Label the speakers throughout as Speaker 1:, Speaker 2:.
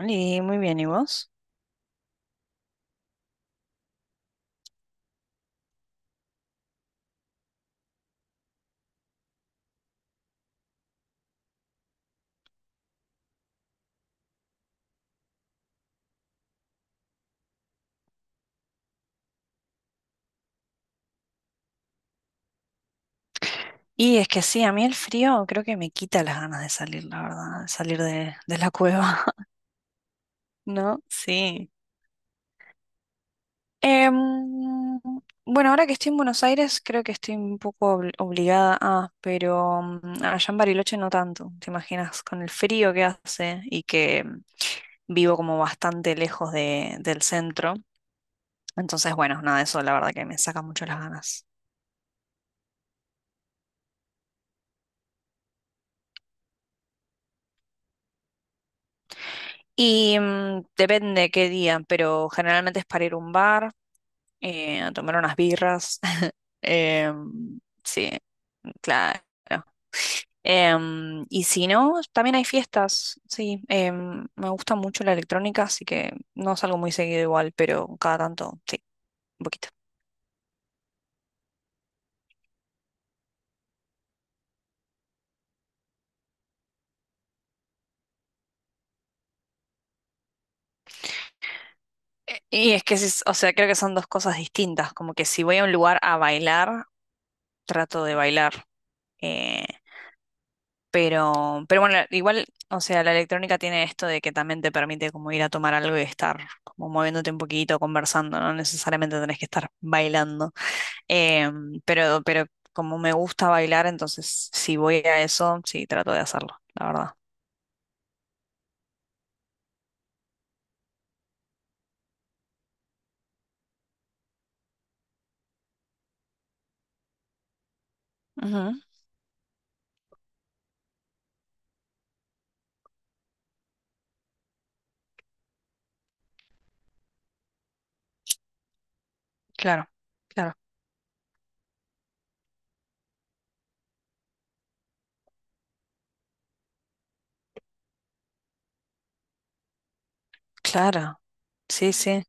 Speaker 1: Oli, muy bien, ¿y vos? Y es que sí, a mí el frío creo que me quita las ganas de salir, la verdad, de salir de la cueva, ¿no? Sí. Em, bueno, ahora que estoy en Buenos Aires creo que estoy un poco obligada a, pero allá en Bariloche no tanto, ¿te imaginas? Con el frío que hace y que. Vivo como bastante lejos del centro. Entonces, bueno, nada, eso la verdad que me saca mucho las ganas. Y depende qué día, pero generalmente es para ir a un bar a tomar unas birras. Em, sí, claro. Em, y si no, también hay fiestas, sí. Me gusta mucho la electrónica, así que no salgo muy seguido igual, pero cada tanto, sí, un poquito. Y es que, o sea, creo que son dos cosas distintas, como que si voy a un lugar a bailar, trato de bailar. eh, pero bueno, igual, o sea, la electrónica tiene esto de que también te permite como ir a tomar algo y estar como moviéndote un poquito, conversando, no necesariamente tenés que estar bailando. Pero como me gusta bailar, entonces si voy a eso, sí, trato de hacerlo, la verdad. Ujú, claro, claro, claro. Sí, sí.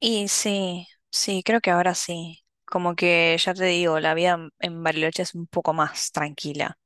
Speaker 1: Y sí, sí, creo que ahora sí. Como que ya te digo, la vida en Bariloche es un poco más tranquila.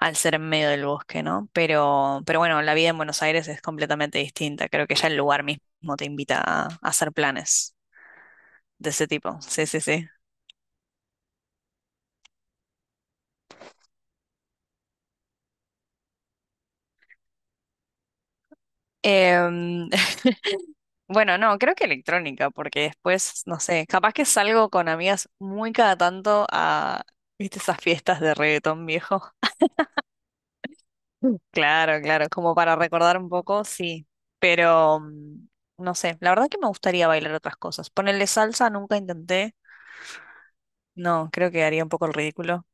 Speaker 1: Al ser en medio del bosque, ¿no? Pero bueno, la vida en Buenos Aires es completamente distinta. Creo que ya el lugar mismo te invita a hacer planes de ese tipo. Sí, sí, sí. Em, bueno, no, creo que electrónica, porque después, no sé, capaz que salgo con amigas muy cada tanto a, ¿viste esas fiestas de reggaetón viejo? Mm. Claro, claro, como para recordar un poco, sí, pero no sé, la verdad que me gustaría bailar otras cosas. Ponerle salsa nunca intenté, no, creo que haría un poco el ridículo.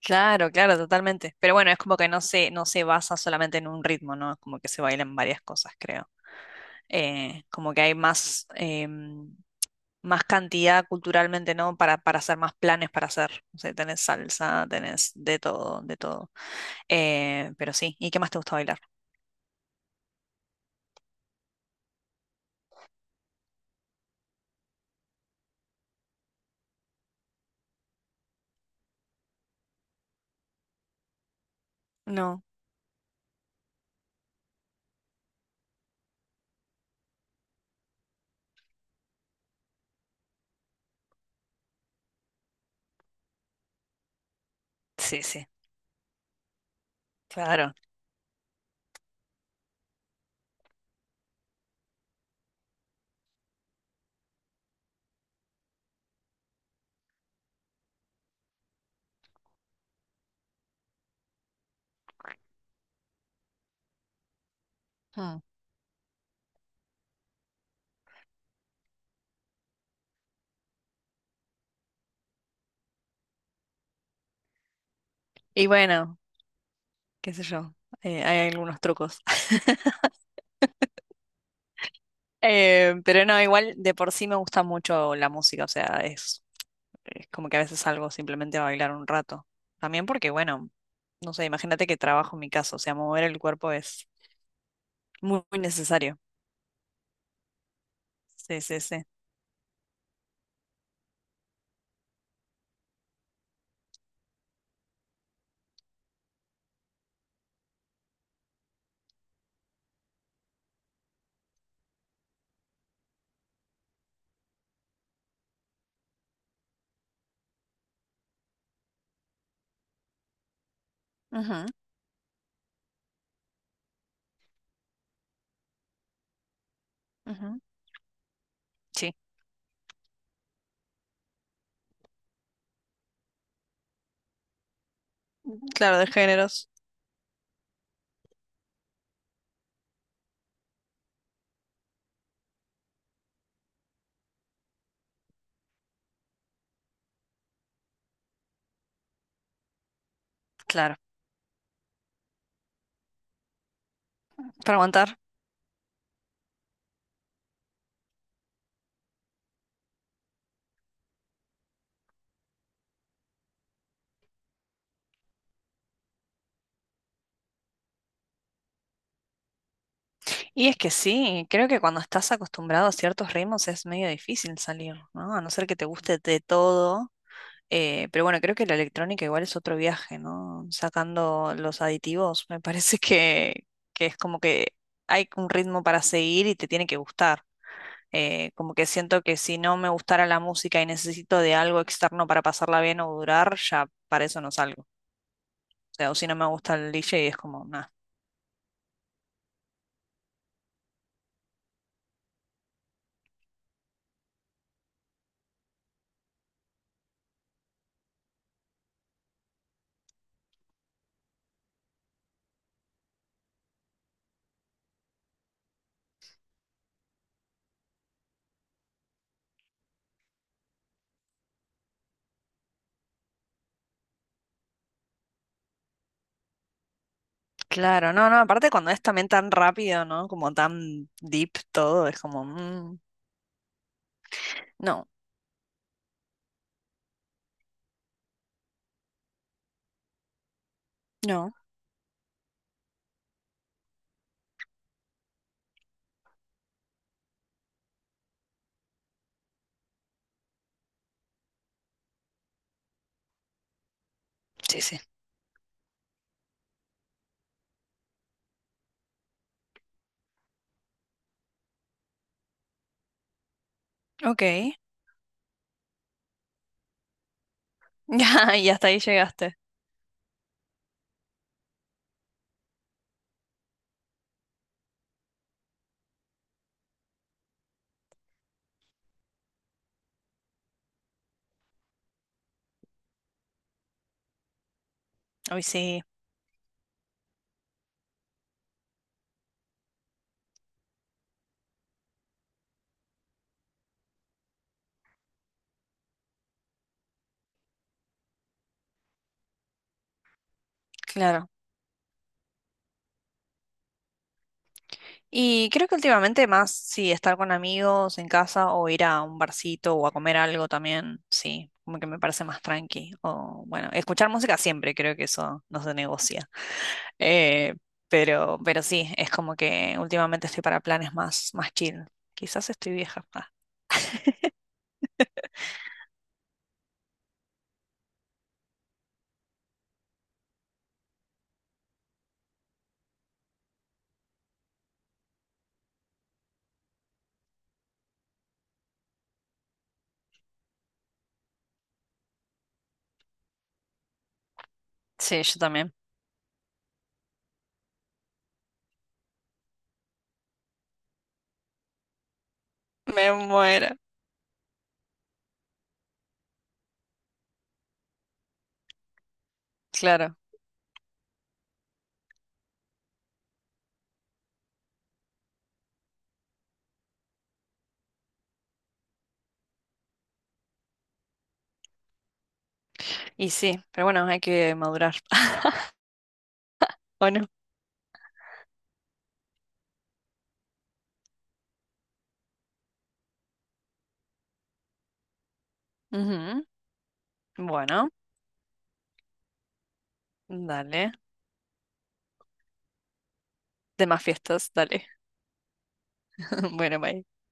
Speaker 1: Claro, claro, totalmente. Pero bueno, es como que no se basa solamente en un ritmo, ¿no? Es como que se bailan varias cosas, creo. Como que hay más, más cantidad culturalmente, ¿no? Para hacer más planes para hacer. O sea, tenés salsa, tenés de todo, de todo. Pero sí, ¿y qué más te gusta bailar? No. Sí, sí, claro. Mm. Y bueno, qué sé yo, hay algunos trucos. Pero no, igual de por sí me gusta mucho la música, o sea, es como que a veces salgo simplemente a bailar un rato. También porque, bueno, no sé, imagínate que trabajo en mi casa, o sea, mover el cuerpo es muy, muy necesario. Sí, sí, sí. Ujú, ujú. Sí, claro, de géneros, claro, para aguantar. Y es que sí, creo que cuando estás acostumbrado a ciertos ritmos es medio difícil salir, ¿no? A no ser que te guste de todo. Pero bueno, creo que la electrónica igual es otro viaje, ¿no? Sacando los aditivos, me parece que es como que hay un ritmo para seguir y te tiene que gustar. Como que siento que si no me gustara la música y necesito de algo externo para pasarla bien o durar, ya para eso no salgo. O sea, o si no me gusta el DJ es como, nada. Claro, no, no, aparte cuando es también tan rápido, ¿no? Como tan deep todo, es como, no, no, sí, sí. Ok. Ya, y hasta ahí llegaste. Hoy sí. Claro. Y creo que últimamente más, sí, estar con amigos en casa o ir a un barcito o a comer algo también, sí, como que me parece más tranqui. O bueno, escuchar música siempre, creo que eso no se negocia. Eh, pero sí, es como que últimamente estoy para planes más, más chill. Quizás estoy vieja. Ah. Sí, yo también. Me muero. Claro. Y sí, pero bueno, hay que madurar. ¿O no? Ujú. Bueno, dale. Demás fiestas, dale. Bueno, bye.